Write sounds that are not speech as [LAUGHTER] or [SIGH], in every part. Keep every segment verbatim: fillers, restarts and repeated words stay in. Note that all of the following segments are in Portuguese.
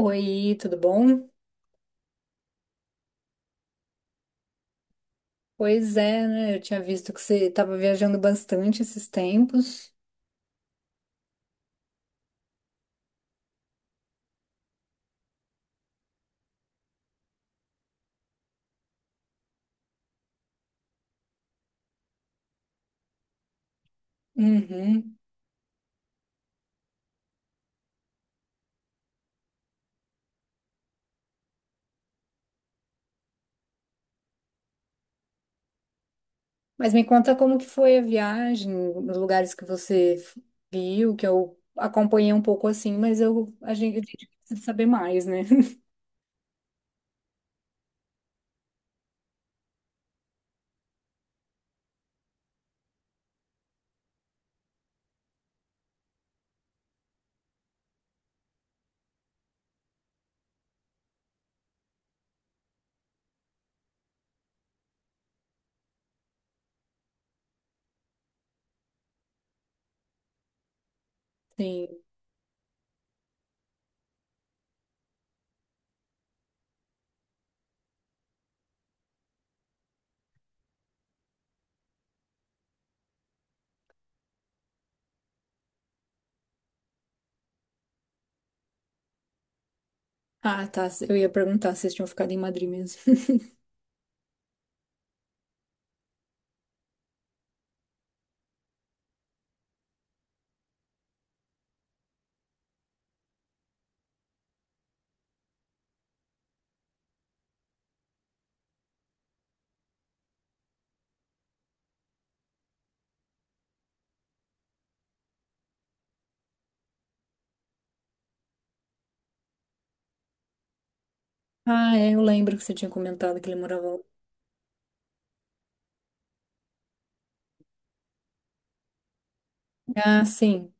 Oi, tudo bom? Pois é, né? Eu tinha visto que você estava viajando bastante esses tempos. Uhum. Mas me conta como que foi a viagem, os lugares que você f- viu, que eu acompanhei um pouco assim, mas eu a gente, a gente precisa saber mais, né? [LAUGHS] Sim. Ah, tá. Eu ia perguntar se vocês tinham ficado em Madrid mesmo. [LAUGHS] Ah, é, eu lembro que você tinha comentado que ele morava lá. Ah, sim,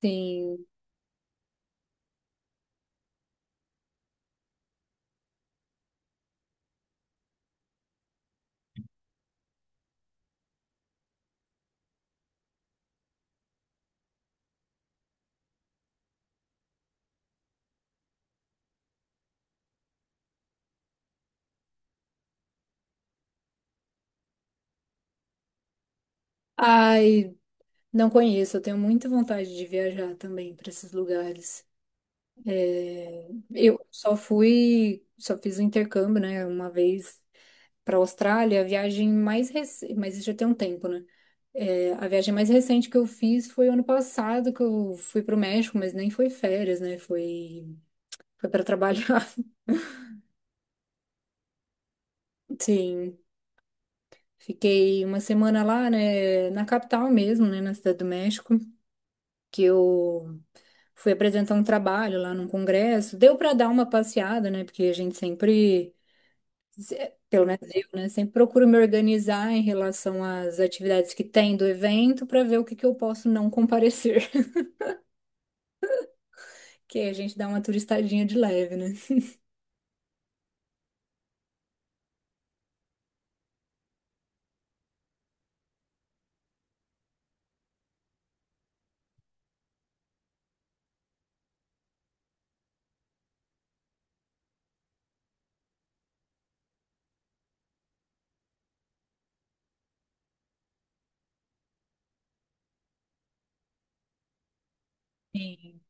sim. Ai, não conheço. Eu tenho muita vontade de viajar também para esses lugares. É, eu só fui, só fiz o intercâmbio, né, uma vez para a Austrália, a viagem mais recente, mas isso já tem um tempo, né? É, a viagem mais recente que eu fiz foi ano passado, que eu fui para o México, mas nem foi férias, né? Foi, foi para trabalhar. [LAUGHS] Sim, fiquei uma semana lá, né, na capital mesmo, né, na Cidade do México, que eu fui apresentar um trabalho lá num congresso. Deu para dar uma passeada, né, porque a gente sempre se- pelo menos eu, né? Sempre procuro me organizar em relação às atividades que tem do evento para ver o que que eu posso não comparecer. [LAUGHS] Que aí a gente dá uma turistadinha de leve, né? Sim.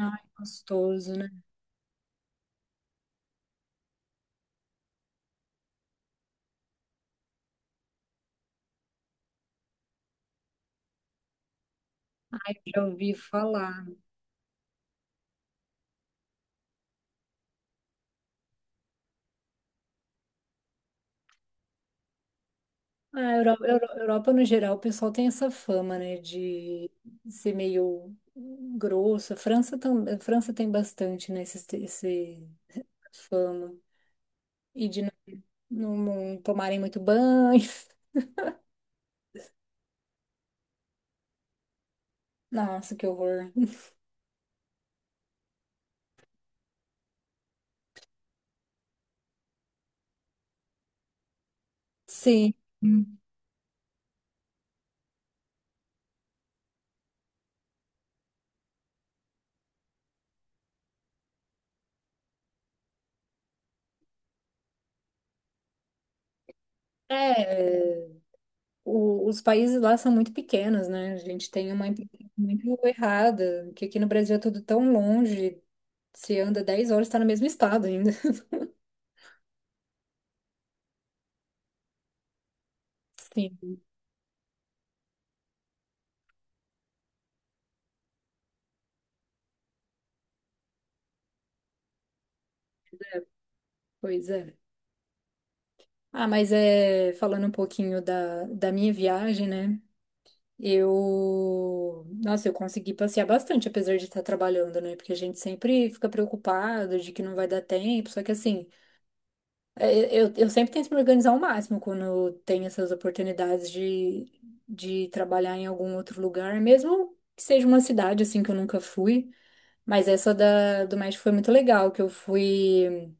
Ai, gostoso, né? Ai, já ouvi falar. A Europa, Europa, no geral, o pessoal tem essa fama, né? De ser meio grosso. A França, tam, a França tem bastante, né? Esse, esse fama. E de não, não não tomarem muito banho. [LAUGHS] Nossa, que horror. Sim. É, o- os países lá são muito pequenos, né? A gente tem uma impressão muito errada, que aqui no Brasil é tudo tão longe, se anda dez horas, está no mesmo estado ainda. [LAUGHS] Sim, pois é. Ah, mas é, falando um pouquinho da, da minha viagem, né? Eu, nossa, eu consegui passear bastante, apesar de estar trabalhando, né? Porque a gente sempre fica preocupado de que não vai dar tempo, só que assim. É, Eu, eu sempre tento me organizar ao máximo quando tenho essas oportunidades de, de trabalhar em algum outro lugar, mesmo que seja uma cidade assim que eu nunca fui. Mas essa da, do México foi muito legal, que eu fui.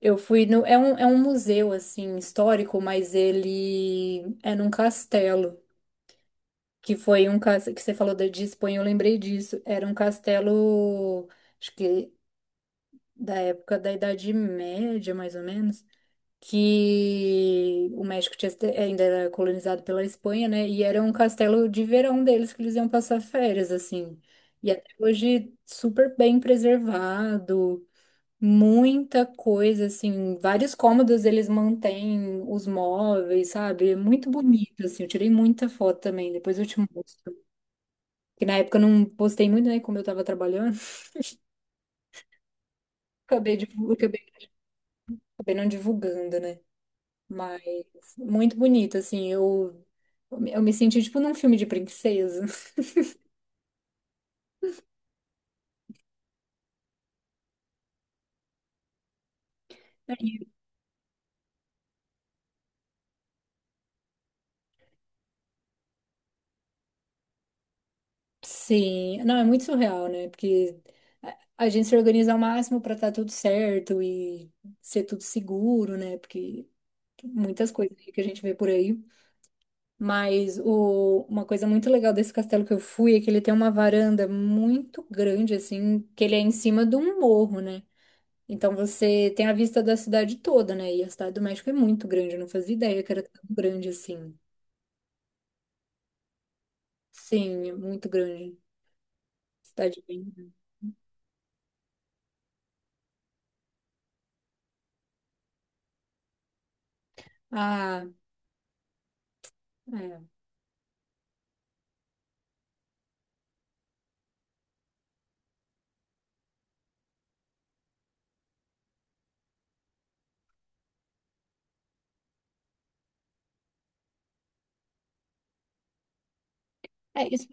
Eu fui no, é um, é um museu assim histórico, mas ele é num castelo, que foi um castelo que você falou da- de Espanha, eu lembrei disso. Era um castelo, acho que da época da Idade Média, mais ou menos. Que o México tinha, sido- ainda era colonizado pela Espanha, né? E era um castelo de verão deles que eles iam passar férias, assim. E até hoje super bem preservado, muita coisa, assim, vários cômodos eles mantêm os móveis, sabe? É muito bonito, assim. Eu tirei muita foto também, depois eu te mostro. Que na época eu não postei muito, né? Como eu tava trabalhando, [LAUGHS] acabei, divu- acabei, acabei não divulgando, né? Mas muito bonito, assim. Eu, eu me senti tipo num filme de princesa. Sim, não, é muito surreal, né? Porque a a gente se organiza ao máximo para estar tudo certo e ser tudo seguro, né? Porque muitas coisas aí que a gente vê por aí. Mas o, uma coisa muito legal desse castelo que eu fui é que ele tem uma varanda muito grande, assim, que ele é em cima de um morro, né? Então você tem a vista da cidade toda, né? E a cidade do México é muito grande, eu não fazia ideia que era tão grande assim. Sim, é muito grande. Cidade bem grande. Ah, é. É, isso,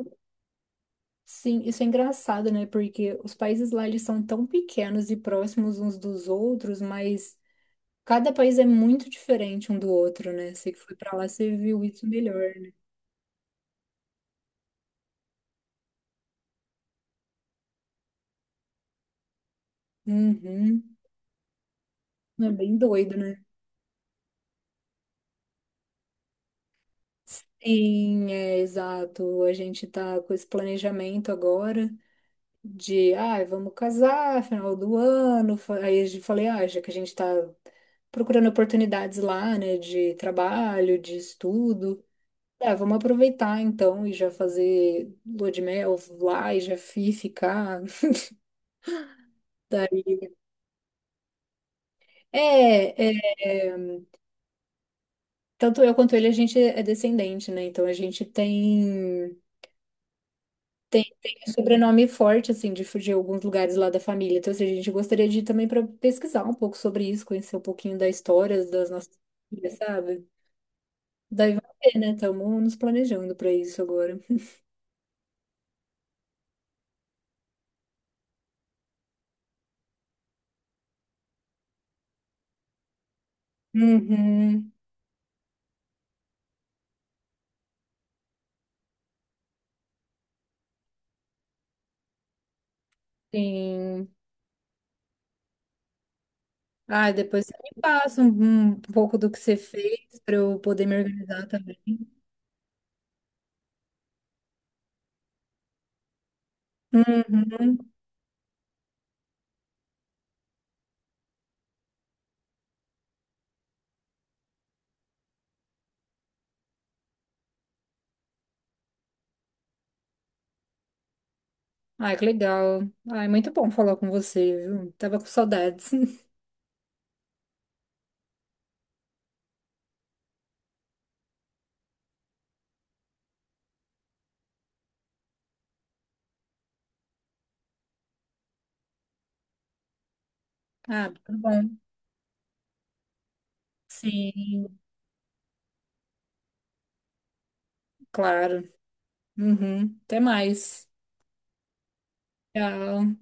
sim, isso é engraçado, né? Porque os países lá eles são tão pequenos e próximos uns dos outros, mas cada país é muito diferente um do outro, né? Você que foi pra lá, você viu isso melhor. Uhum. É bem doido, né? Sim, é exato. A gente tá com esse planejamento agora. De, ah, vamos casar, final do ano. Fa- Aí eu falei, ah, já que a gente tá procurando oportunidades lá, né, de trabalho, de estudo, ah, vamos aproveitar então e já fazer lua de mel lá e já fi- ficar. É, é, tanto eu quanto ele, a gente é descendente, né? Então a gente tem. Tem, tem um sobrenome forte, assim, de, fu- de alguns lugares lá da família. Então, assim, a gente gostaria de ir também para pesquisar um pouco sobre isso, conhecer um pouquinho da história das nossas famílias, sabe? Daí vai ver, né? Estamos nos planejando para isso agora. Uhum, sim. Ah, depois você me passa um, um pouco do que você fez para eu poder me organizar também. Uhum. Ai, que legal. Ai, muito bom falar com você, viu? Tava com saudades. [LAUGHS] Ah, tudo bom. Sim, claro. Uhum. Até mais. Tchau.